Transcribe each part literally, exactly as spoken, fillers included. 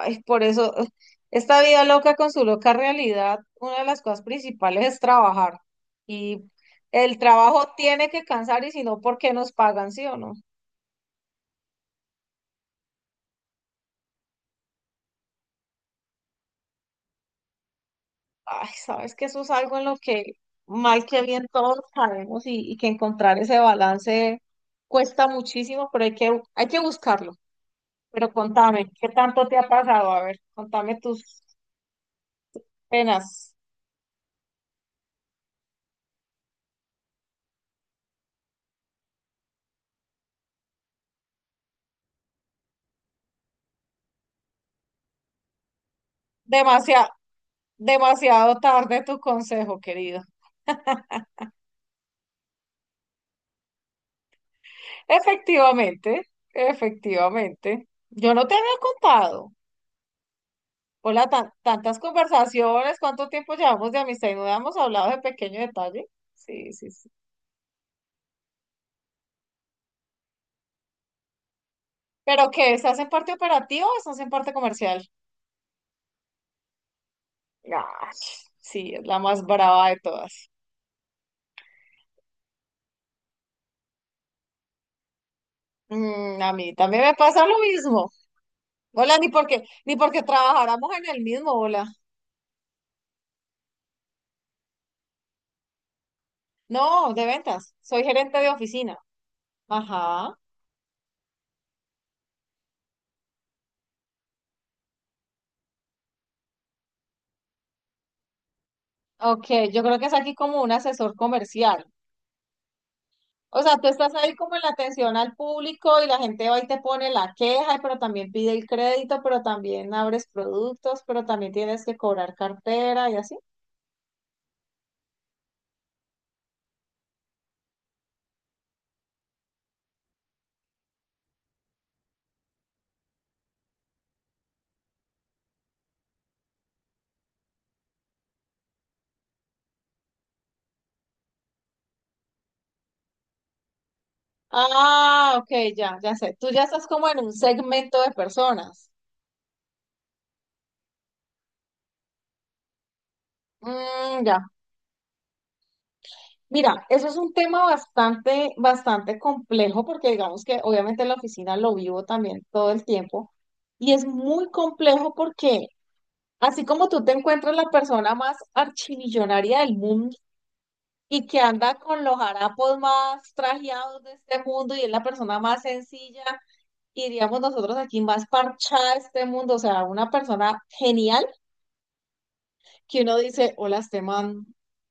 Ay, por eso, eh, esta vida loca con su loca realidad, una de las cosas principales es trabajar. Y el trabajo tiene que cansar y si no, ¿por qué nos pagan, sí o no? Ay, sabes que eso es algo en lo que mal que bien todos sabemos y, y que encontrar ese balance cuesta muchísimo, pero hay que, hay que buscarlo. Pero contame, ¿qué tanto te ha pasado? A ver, contame tus penas. Demasiado, demasiado tarde tu consejo, querido. Efectivamente, efectivamente. Yo no te había contado. Hola, tan- tantas conversaciones, cuánto tiempo llevamos de amistad y no habíamos hablado de pequeño detalle. Sí, sí, sí. ¿Pero qué? ¿Estás en parte operativa o estás en parte comercial? Ah, sí, es la más brava de todas. Mm, a mí también me pasa lo mismo. Hola, ni porque, ni porque trabajáramos en el mismo, hola. No, de ventas. Soy gerente de oficina. Ajá. Ok, yo creo que es aquí como un asesor comercial. O sea, tú estás ahí como en la atención al público y la gente va y te pone la queja, pero también pide el crédito, pero también abres productos, pero también tienes que cobrar cartera y así. Ah, ok, ya, ya sé. Tú ya estás como en un segmento de personas. Mm, ya. Mira, eso es un tema bastante, bastante complejo porque digamos que obviamente en la oficina lo vivo también todo el tiempo y es muy complejo porque así como tú te encuentras la persona más archimillonaria del mundo, y que anda con los harapos más trajeados de este mundo y es la persona más sencilla y diríamos nosotros aquí más parchada de este mundo, o sea, una persona genial que uno dice, hola, este man,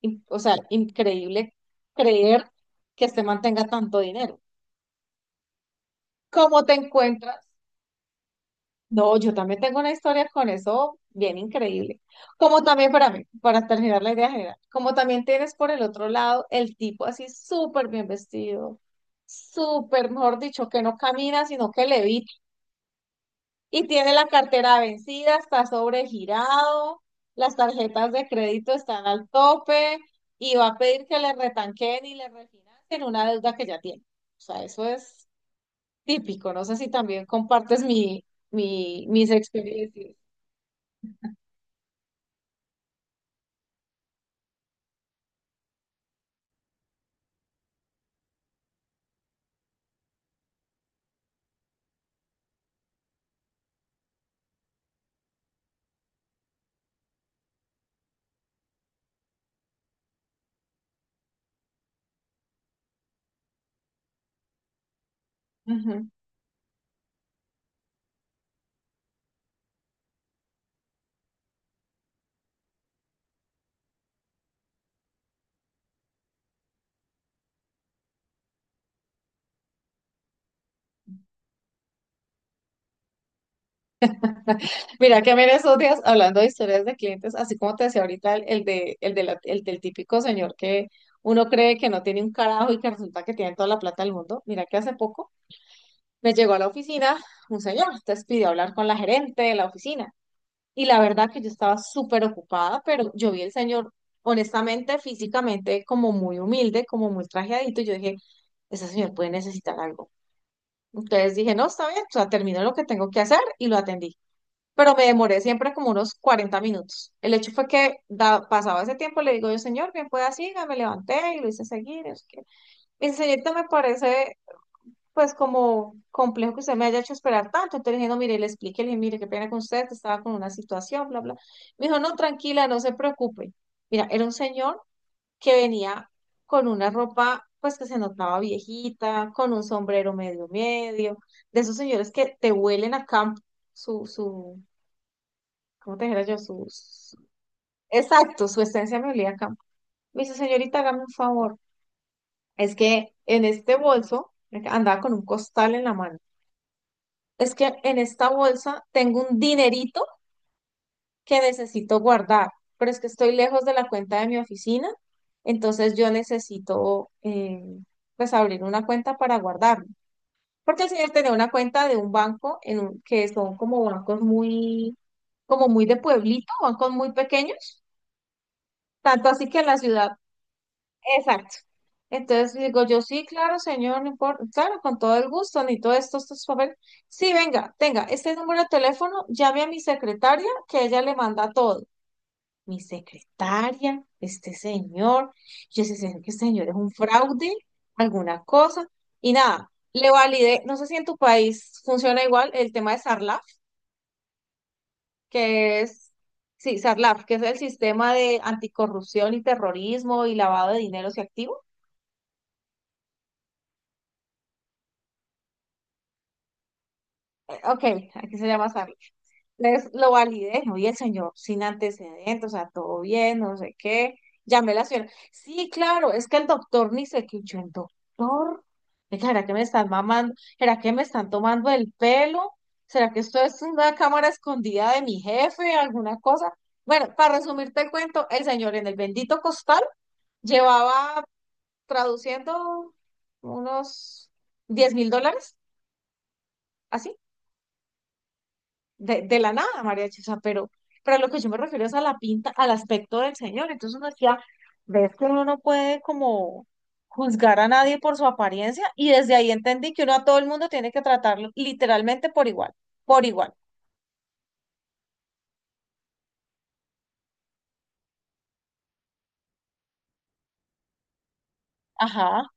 in- o sea, increíble creer que este man tenga tanto dinero. ¿Cómo te encuentras? No, yo también tengo una historia con eso bien increíble. Como también para mí, para terminar la idea general, como también tienes por el otro lado el tipo así súper bien vestido, súper, mejor dicho, que no camina, sino que levita y tiene la cartera vencida, está sobregirado, las tarjetas de crédito están al tope y va a pedir que le retanquen y le refinancien una deuda que ya tiene. O sea, eso es típico. No sé si también compartes mi, mi, mis experiencias. Ujú. Mira que a mí en esos días, hablando de historias de clientes, así como te decía ahorita, el, el de, el, de la- el del típico señor que uno cree que no tiene un carajo y que resulta que tiene toda la plata del mundo, mira que hace poco me llegó a la oficina un señor, entonces pidió hablar con la gerente de la oficina. Y la verdad que yo estaba súper ocupada, pero yo vi el señor, honestamente, físicamente, como muy humilde, como muy trajeadito, y yo dije, ese señor puede necesitar algo. Entonces dije, no, está bien, o sea, termino lo que tengo que hacer y lo atendí. Pero me demoré siempre como unos cuarenta minutos. El hecho fue que da- pasaba ese tiempo, le digo yo, señor, bien pueda siga, me levanté y lo hice seguir. Es que... Me dice, señorita, me parece pues como complejo que usted me haya hecho esperar tanto. Entonces le dije, no, mire, le expliqué, le dije, mire, qué pena con usted, que estaba con una situación, bla, bla. Me dijo, no, tranquila, no se preocupe. Mira, era un señor que venía con una ropa pues que se notaba viejita, con un sombrero medio medio, de esos señores que te huelen a campo su, su, como te dijera yo, sus... Exacto, su esencia me olía a campo. Me dice, señorita, hágame un favor. Es que en este bolso, andaba con un costal en la mano. Es que en esta bolsa tengo un dinerito que necesito guardar, pero es que estoy lejos de la cuenta de mi oficina, entonces yo necesito, eh, pues, abrir una cuenta para guardarlo. Porque el señor tenía una cuenta de un banco en un- que son como bancos muy, como muy de pueblito, bancos muy pequeños, tanto así que en la ciudad... Exacto. Entonces digo yo, sí, claro, señor, no importa, claro, con todo el gusto, ni todo esto estos papeles. Sí, venga, tenga, este número de teléfono, llame a mi secretaria, que ella le manda todo. Mi secretaria, este señor, yo sé sé que este señor es un fraude, alguna cosa, y nada, le validé, no sé si en tu país funciona igual el tema de Sarlaf, que es, sí, Sarlaf, que es el sistema de anticorrupción y terrorismo y lavado de dineros y activos. Ok, aquí se llama... Les lo validé, oye, el señor sin antecedentes, o sea, todo bien, no sé qué. Llamé a la señora. Sí, claro, es que el doctor ni se quichó. ¿El doctor? Es que, ¿será que me están mamando? ¿Será que me están tomando el pelo? ¿Será que esto es una cámara escondida de mi jefe? ¿Alguna cosa? Bueno, para resumirte el cuento, el señor en el bendito costal llevaba traduciendo unos diez mil dólares, así. de, de la nada, mariachi, o sea, pero, pero a lo que yo me refiero es a la pinta, al aspecto del señor. Entonces uno decía, ves que uno no puede como juzgar a nadie por su apariencia y desde ahí entendí que uno a todo el mundo tiene que tratarlo literalmente por igual, por igual. Ajá,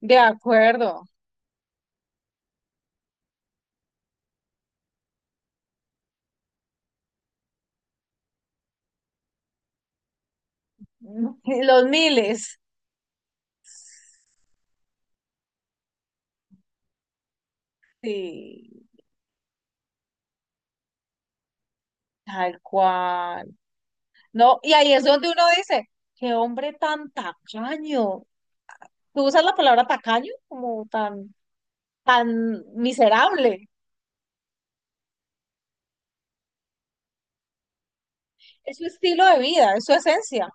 de acuerdo. Los miles. Sí, tal cual. No, y ahí es donde uno dice, qué hombre tan tacaño. ¿Tú usas la palabra tacaño como tan, tan miserable? Es su estilo de vida, es su esencia.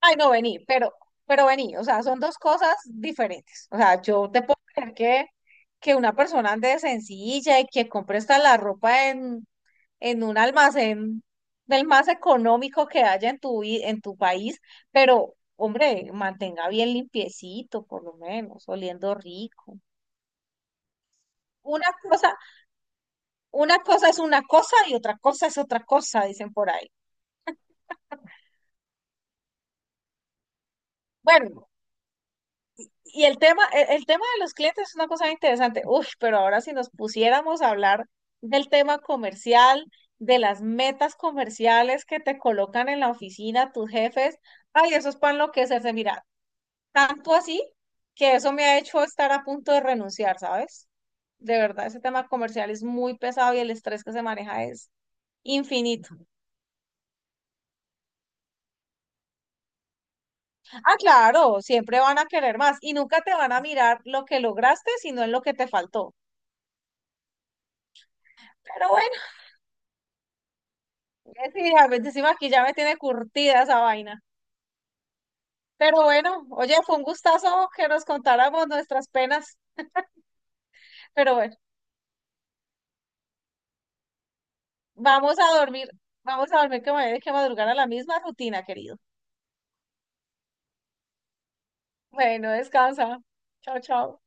Ay, no, vení, pero, pero vení, o sea, son dos cosas diferentes. O sea, yo te puedo creer que, que una persona ande sencilla y que compre hasta la ropa en, en un almacén del más económico que haya en tu, vi- en tu país, pero, hombre, mantenga bien limpiecito, por lo menos, oliendo rico. Una cosa, una cosa es una cosa y otra cosa es otra cosa, dicen por ahí. Bueno, y el tema, el, el tema de los clientes es una cosa bien interesante. Uf, pero ahora si nos pusiéramos a hablar del tema comercial, de las metas comerciales que te colocan en la oficina tus jefes, ay, eso es para enloquecerse. Mira, tanto así que eso me ha hecho estar a punto de renunciar, ¿sabes? De verdad, ese tema comercial es muy pesado y el estrés que se maneja es infinito. Ah, claro, siempre van a querer más y nunca te van a mirar lo que lograste, sino en lo que te faltó. Pero... Eh, sí, a veces sí, aquí ya me tiene curtida esa vaina. Pero bueno, oye, fue un gustazo que nos contáramos nuestras penas. Pero bueno, vamos a dormir. Vamos a dormir que me voy a tener que madrugar a la misma rutina, querido. Bueno, descansa. Chao, chao.